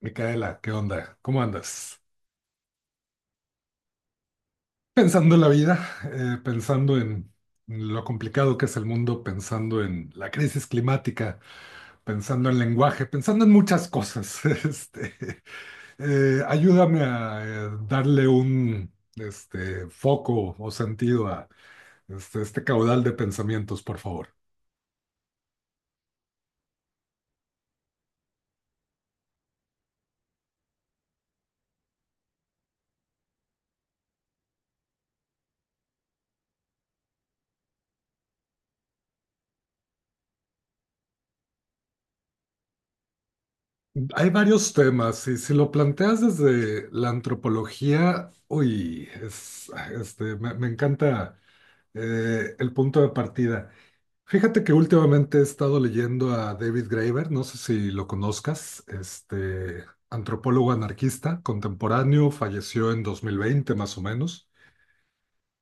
Micaela, ¿qué onda? ¿Cómo andas? Pensando en la vida, pensando en lo complicado que es el mundo, pensando en la crisis climática, pensando en lenguaje, pensando en muchas cosas. Ayúdame a darle un foco o sentido a este caudal de pensamientos, por favor. Hay varios temas y si lo planteas desde la antropología, uy, es, me encanta. El punto de partida. Fíjate que últimamente he estado leyendo a David Graeber, no sé si lo conozcas, este antropólogo anarquista contemporáneo, falleció en 2020 más o menos.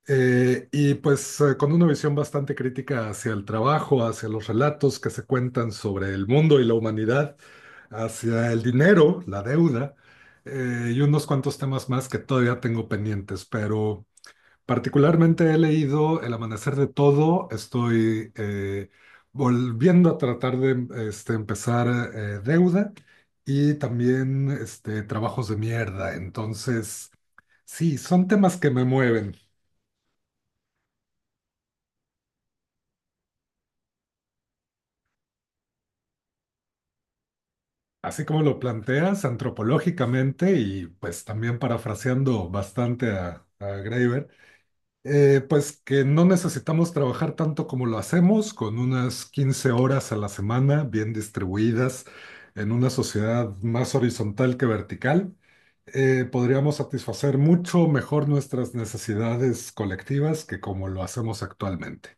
Y pues con una visión bastante crítica hacia el trabajo, hacia los relatos que se cuentan sobre el mundo y la humanidad, hacia el dinero, la deuda, y unos cuantos temas más que todavía tengo pendientes, pero... Particularmente he leído El Amanecer de Todo, estoy volviendo a tratar de empezar Deuda y también Trabajos de Mierda. Entonces, sí, son temas que me mueven, así como lo planteas antropológicamente y pues también parafraseando bastante a Graeber. Pues que no necesitamos trabajar tanto como lo hacemos, con unas 15 horas a la semana bien distribuidas en una sociedad más horizontal que vertical, podríamos satisfacer mucho mejor nuestras necesidades colectivas que como lo hacemos actualmente.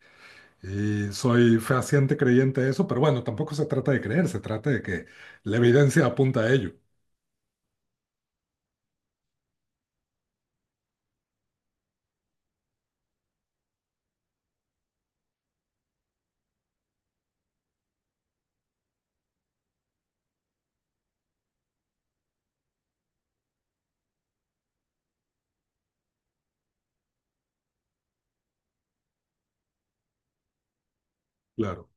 Y soy fehaciente creyente de eso, pero bueno, tampoco se trata de creer, se trata de que la evidencia apunta a ello. Claro,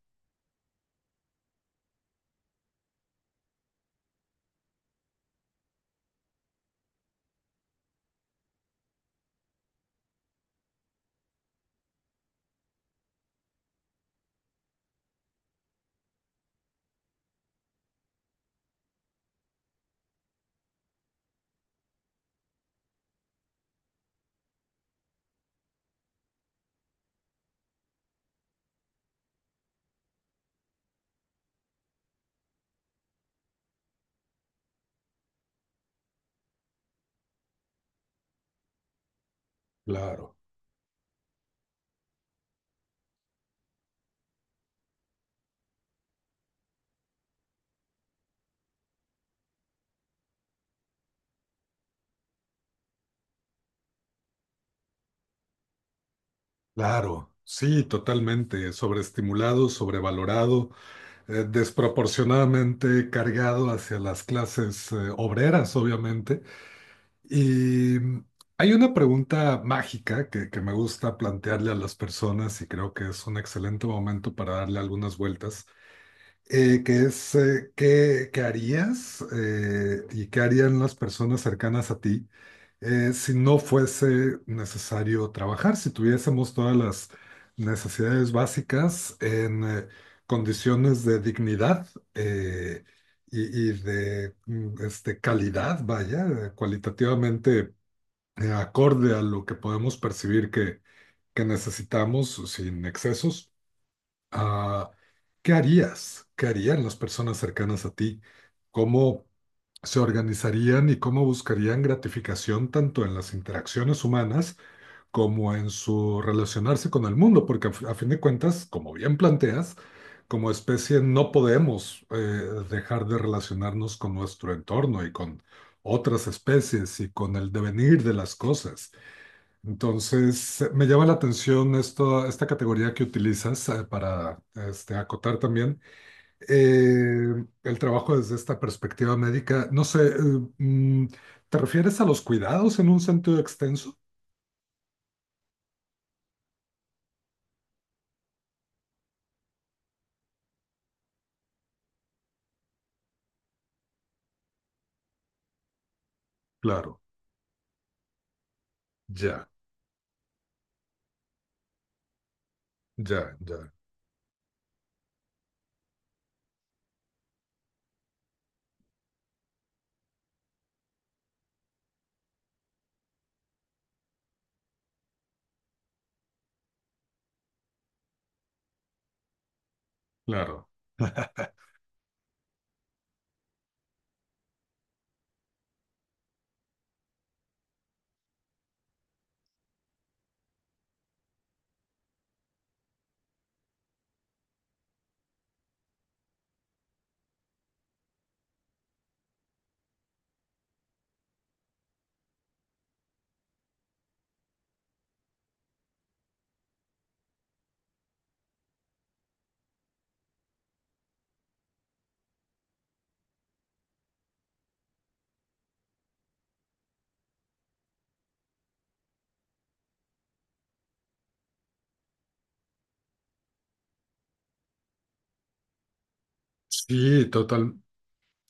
claro, claro. Sí, totalmente. Sobreestimulado, sobrevalorado, desproporcionadamente cargado hacia las clases obreras, obviamente. Y mm, hay una pregunta mágica que me gusta plantearle a las personas y creo que es un excelente momento para darle algunas vueltas, que es qué, qué harías y qué harían las personas cercanas a ti, si no fuese necesario trabajar, si tuviésemos todas las necesidades básicas en condiciones de dignidad eh, y de calidad, vaya, cualitativamente acorde a lo que podemos percibir que necesitamos sin excesos. Ah, ¿qué harías? ¿Qué harían las personas cercanas a ti? ¿Cómo se organizarían y cómo buscarían gratificación tanto en las interacciones humanas como en su relacionarse con el mundo? Porque a fin de cuentas, como bien planteas, como especie no podemos dejar de relacionarnos con nuestro entorno y con otras especies y con el devenir de las cosas. Entonces, me llama la atención esto, esta categoría que utilizas para acotar también el trabajo desde esta perspectiva médica. No sé, mm, ¿te refieres a los cuidados en un sentido extenso? Claro, ya, ya, ya, claro. Sí, total.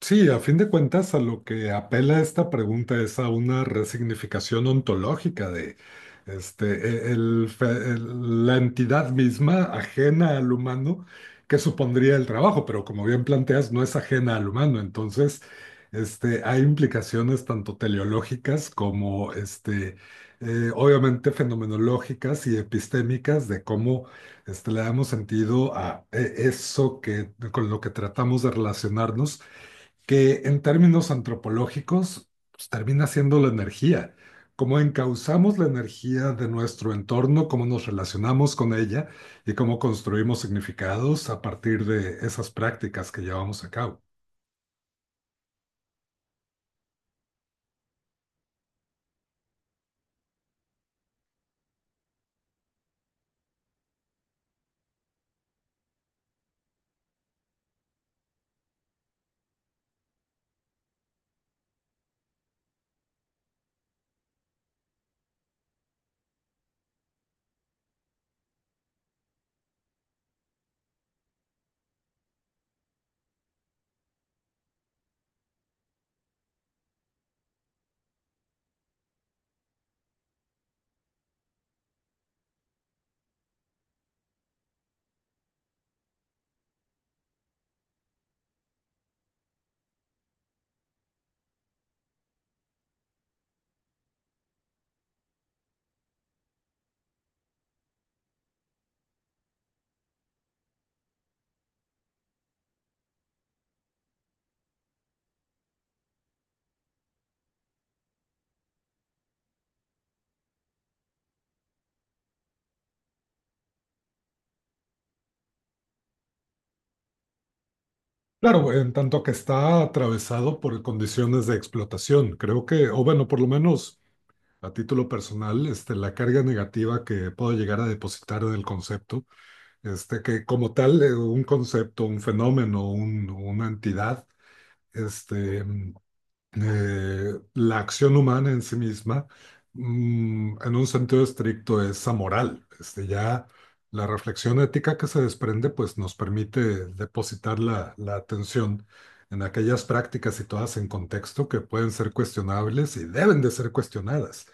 Sí, a fin de cuentas, a lo que apela esta pregunta es a una resignificación ontológica de este, e- el fe- la entidad misma ajena al humano que supondría el trabajo, pero como bien planteas, no es ajena al humano. Entonces, hay implicaciones tanto teleológicas como obviamente fenomenológicas y epistémicas de cómo le damos sentido a eso que, con lo que tratamos de relacionarnos, que en términos antropológicos pues, termina siendo la energía. Cómo encauzamos la energía de nuestro entorno, cómo nos relacionamos con ella y cómo construimos significados a partir de esas prácticas que llevamos a cabo. Claro, en tanto que está atravesado por condiciones de explotación, creo que, o bueno, por lo menos a título personal, la carga negativa que puedo llegar a depositar en el concepto, que como tal, un concepto, un fenómeno, una entidad, este, mm, la acción humana en sí misma, mm, en un sentido estricto, es amoral. Ya la reflexión ética que se desprende, pues nos permite depositar la, la atención en aquellas prácticas situadas en contexto que pueden ser cuestionables y deben de ser cuestionadas.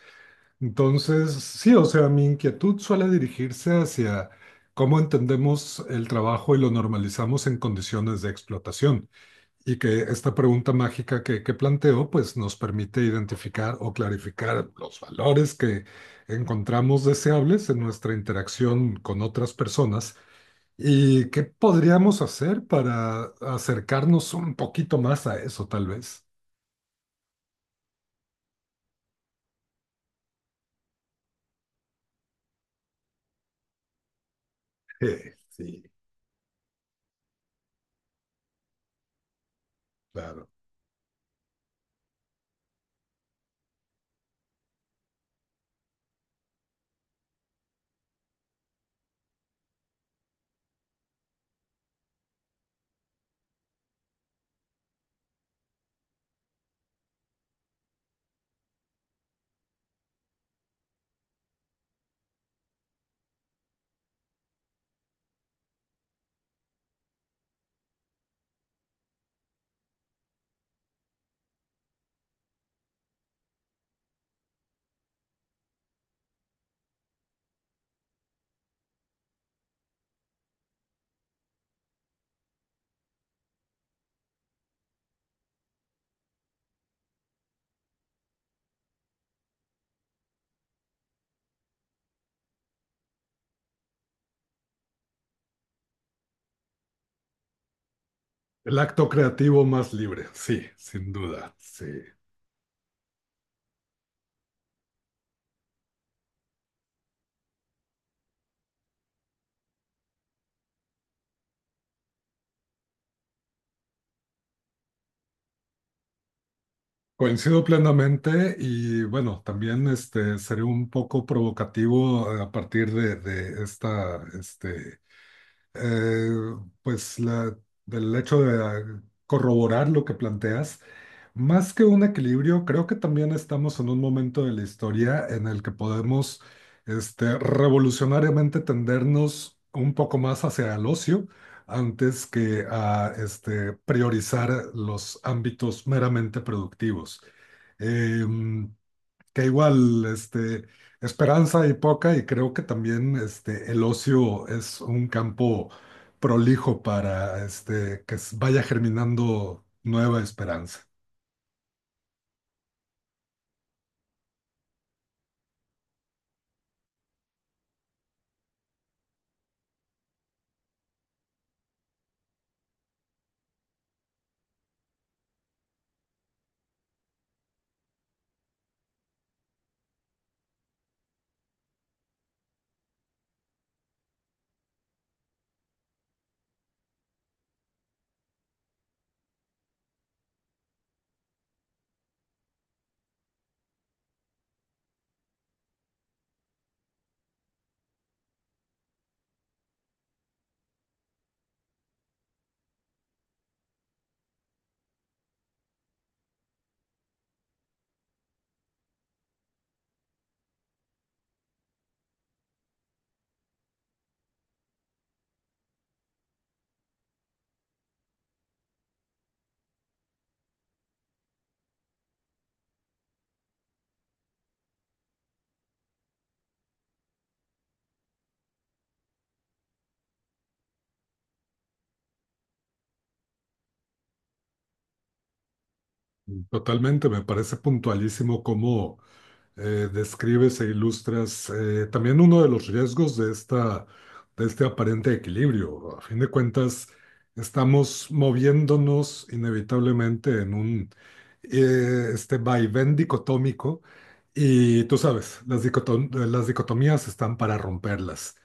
Entonces, sí, o sea, mi inquietud suele dirigirse hacia cómo entendemos el trabajo y lo normalizamos en condiciones de explotación. Y que esta pregunta mágica que planteo, pues nos permite identificar o clarificar los valores que encontramos deseables en nuestra interacción con otras personas y qué podríamos hacer para acercarnos un poquito más a eso, tal vez. Sí, claro. El acto creativo más libre, sí, sin duda, sí. Coincido plenamente y bueno, también seré un poco provocativo a partir de eh, pues la, del hecho de ah, corroborar lo que planteas, más que un equilibrio, creo que también estamos en un momento de la historia en el que podemos revolucionariamente tendernos un poco más hacia el ocio antes que a priorizar los ámbitos meramente productivos. Em, que igual, esperanza hay poca y creo que también el ocio es un campo prolijo para que vaya germinando nueva esperanza. Totalmente, me parece puntualísimo cómo describes e ilustras también uno de los riesgos de este aparente equilibrio. A fin de cuentas, estamos moviéndonos inevitablemente en un vaivén dicotómico y tú sabes, las dicotomías están para romperlas.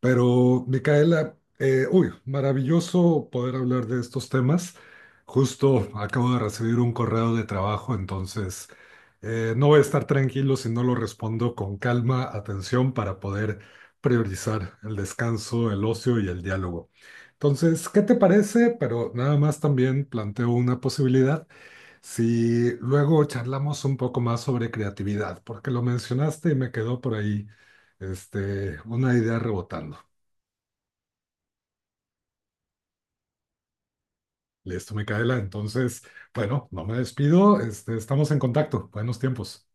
Pero, Micaela, uy, maravilloso poder hablar de estos temas. Justo acabo de recibir un correo de trabajo, entonces no voy a estar tranquilo si no lo respondo con calma, atención, para poder priorizar el descanso, el ocio y el diálogo. Entonces, ¿qué te parece? Pero nada más también planteo una posibilidad si luego charlamos un poco más sobre creatividad, porque lo mencionaste y me quedó por ahí una idea rebotando. Listo, Micaela. Entonces, bueno, no me despido. Estamos en contacto. Buenos tiempos.